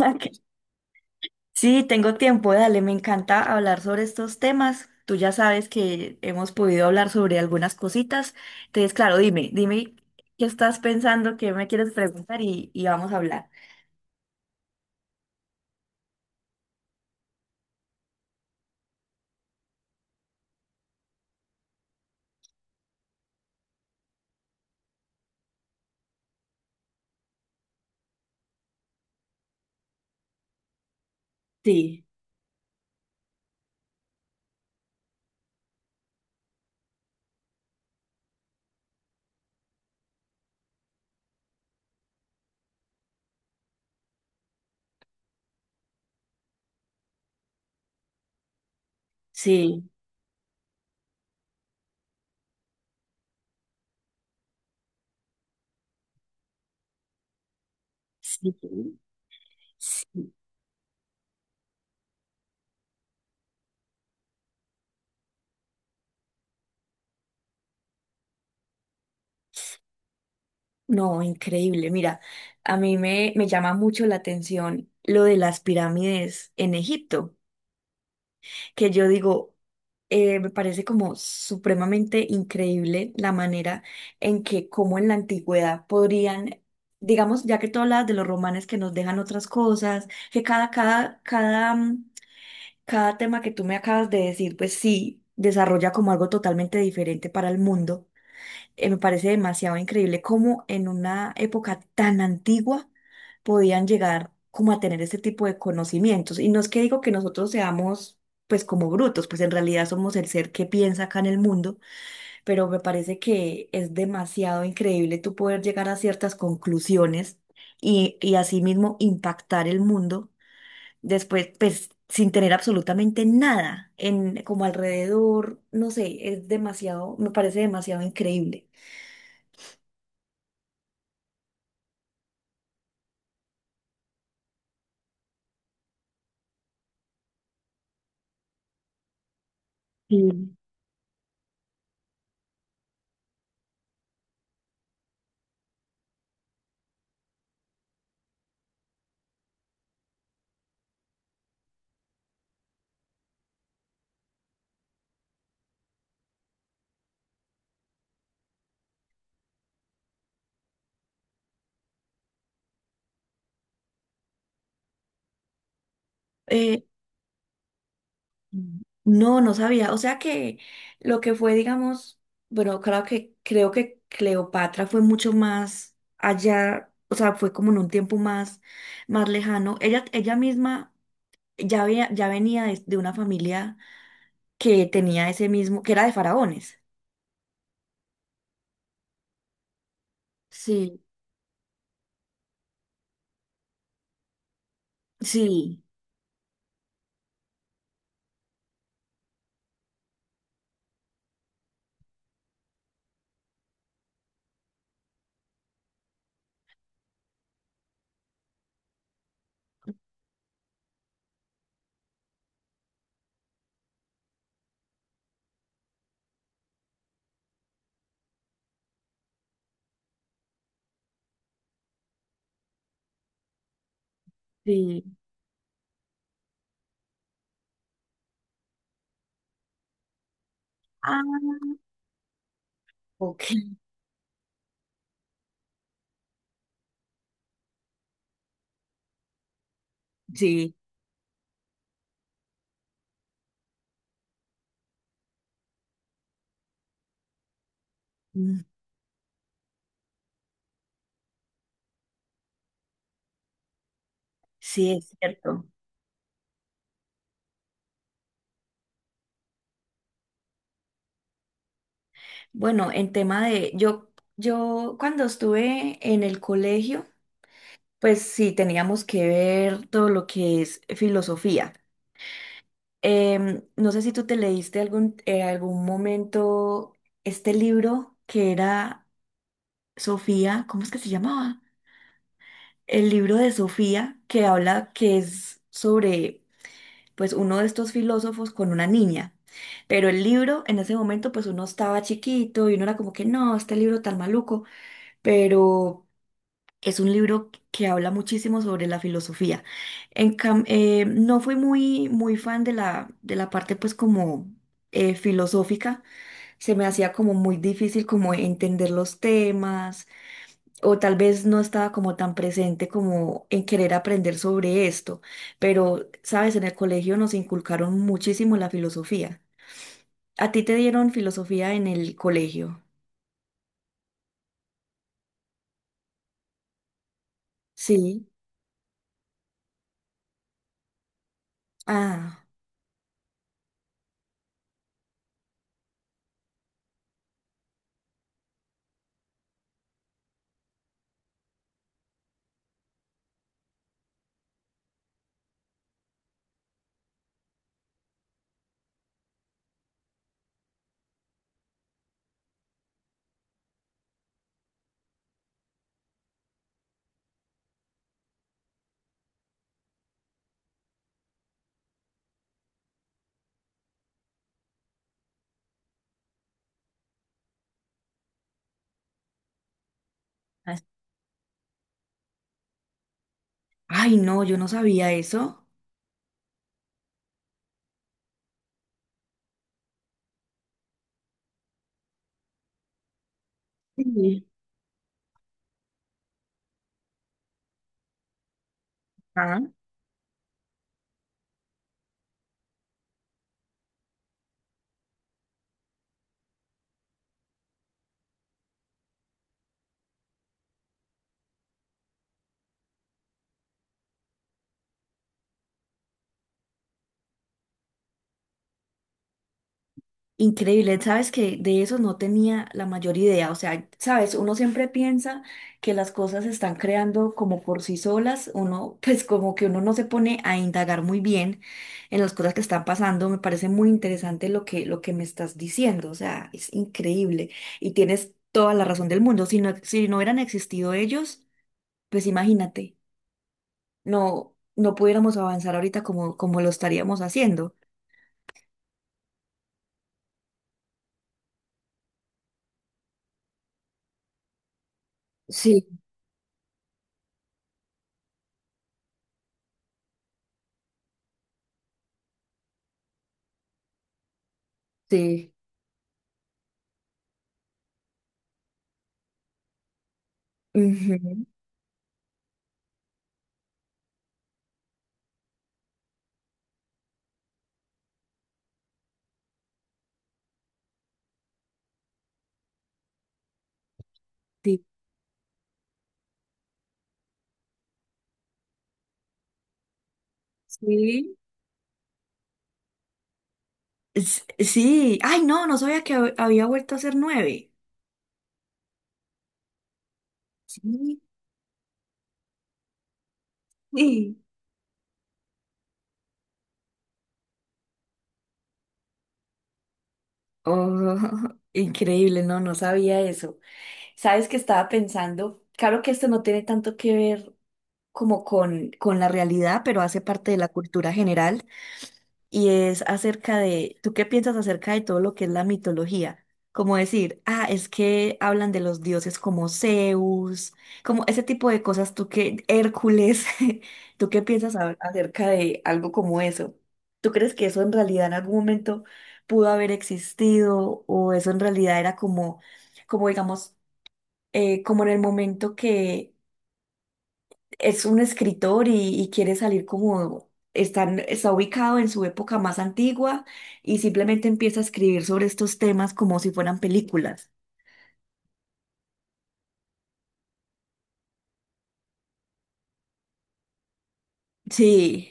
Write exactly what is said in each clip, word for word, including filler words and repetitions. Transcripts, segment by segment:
Ok. Sí, tengo tiempo, dale, me encanta hablar sobre estos temas. Tú ya sabes que hemos podido hablar sobre algunas cositas. Entonces, claro, dime, dime qué estás pensando, qué me quieres preguntar y, y vamos a hablar. Sí, sí, sí, sí. No, increíble. Mira, a mí me, me llama mucho la atención lo de las pirámides en Egipto, que yo digo, eh, me parece como supremamente increíble la manera en que, como en la antigüedad, podrían, digamos, ya que tú hablas de los romanes que nos dejan otras cosas, que cada, cada, cada, mm, cada tema que tú me acabas de decir, pues sí, desarrolla como algo totalmente diferente para el mundo. Eh, me parece demasiado increíble cómo en una época tan antigua podían llegar como a tener este tipo de conocimientos. Y no es que digo que nosotros seamos pues como brutos, pues en realidad somos el ser que piensa acá en el mundo, pero me parece que es demasiado increíble tú poder llegar a ciertas conclusiones y, y asimismo impactar el mundo después, pues sin tener absolutamente nada en como alrededor, no sé, es demasiado, me parece demasiado increíble. Sí. Eh, no, no sabía. O sea que lo que fue, digamos, bueno, claro que creo que Cleopatra fue mucho más allá, o sea, fue como en un tiempo más, más lejano. Ella, ella misma ya había, ya venía de, de una familia que tenía ese mismo, que era de faraones. Sí, sí, sí. Ah, ok. Sí, mm, sí, es cierto. Bueno, en tema de, yo, yo cuando estuve en el colegio, pues sí, teníamos que ver todo lo que es filosofía. Em, no sé si tú te leíste algún, en algún momento este libro que era Sofía, ¿cómo es que se llamaba? El libro de Sofía que habla que es sobre pues uno de estos filósofos con una niña. Pero el libro en ese momento pues uno estaba chiquito y uno era como que no, este libro tan maluco, pero es un libro que habla muchísimo sobre la filosofía. En cam- eh, no fui muy, muy fan de la, de la parte pues como eh, filosófica. Se me hacía como muy difícil como entender los temas o tal vez no estaba como tan presente como en querer aprender sobre esto. Pero, sabes, en el colegio nos inculcaron muchísimo la filosofía. ¿A ti te dieron filosofía en el colegio? Sí. Ah. Ay, no, yo no sabía eso. Sí. Ah, increíble, sabes que de eso no tenía la mayor idea, o sea, sabes, uno siempre piensa que las cosas se están creando como por sí solas, uno pues como que uno no se pone a indagar muy bien en las cosas que están pasando, me parece muy interesante lo que, lo que me estás diciendo, o sea, es increíble y tienes toda la razón del mundo, si no, si no hubieran existido ellos, pues imagínate, no, no pudiéramos avanzar ahorita como, como lo estaríamos haciendo. Sí. Sí. Ujú. Sí. S- sí, ay, no, no sabía que hab- había vuelto a ser nueve. Sí. Sí. Oh, increíble, no, no sabía eso. ¿Sabes que estaba pensando? Claro que esto no tiene tanto que ver como con, con la realidad, pero hace parte de la cultura general. Y es acerca de, ¿tú qué piensas acerca de todo lo que es la mitología? Como decir, ah, es que hablan de los dioses como Zeus, como ese tipo de cosas, ¿tú qué, Hércules, ¿tú qué piensas a- acerca de algo como eso? ¿Tú crees que eso en realidad en algún momento pudo haber existido o eso en realidad era como, como digamos, eh, como en el momento que es un escritor y, y quiere salir como están, está ubicado en su época más antigua y simplemente empieza a escribir sobre estos temas como si fueran películas. Sí.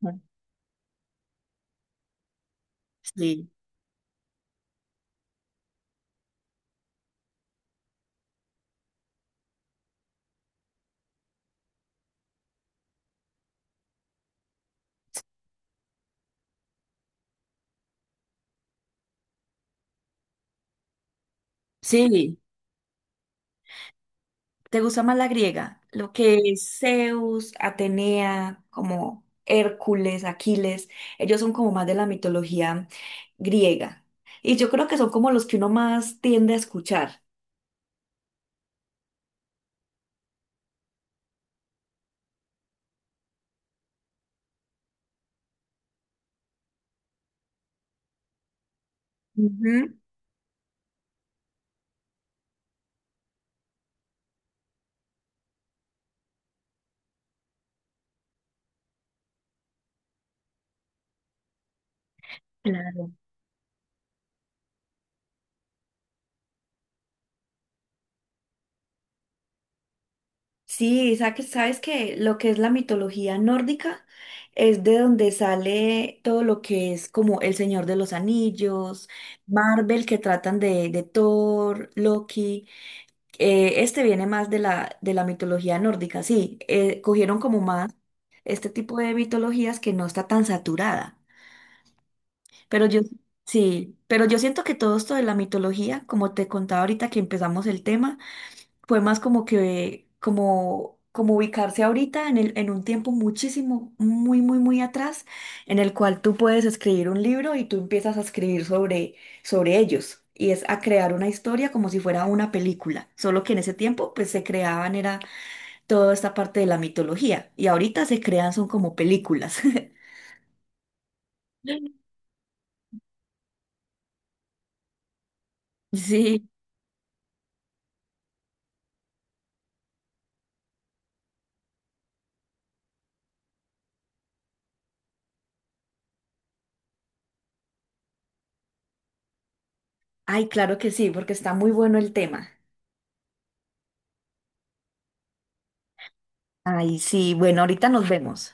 Ujú. Sí, sí. ¿Te gusta más la griega? Lo que es Zeus, Atenea, como Hércules, Aquiles, ellos son como más de la mitología griega. Y yo creo que son como los que uno más tiende a escuchar. Ujú. Claro. Sí, sa- sabes que lo que es la mitología nórdica es de donde sale todo lo que es como El Señor de los Anillos, Marvel que tratan de, de Thor, Loki. Eh, este viene más de la, de la mitología nórdica, sí. Eh, cogieron como más este tipo de mitologías que no está tan saturada. Pero yo, sí, pero yo siento que todo esto de la mitología, como te contaba ahorita que empezamos el tema, fue más como que, como, como ubicarse ahorita en el, en un tiempo muchísimo, muy, muy, muy atrás, en el cual tú puedes escribir un libro y tú empiezas a escribir sobre, sobre ellos. Y es a crear una historia como si fuera una película. Solo que en ese tiempo, pues se creaban, era toda esta parte de la mitología. Y ahorita se crean, son como películas. Sí. Ay, claro que sí, porque está muy bueno el tema. Ay, sí, bueno, ahorita nos vemos.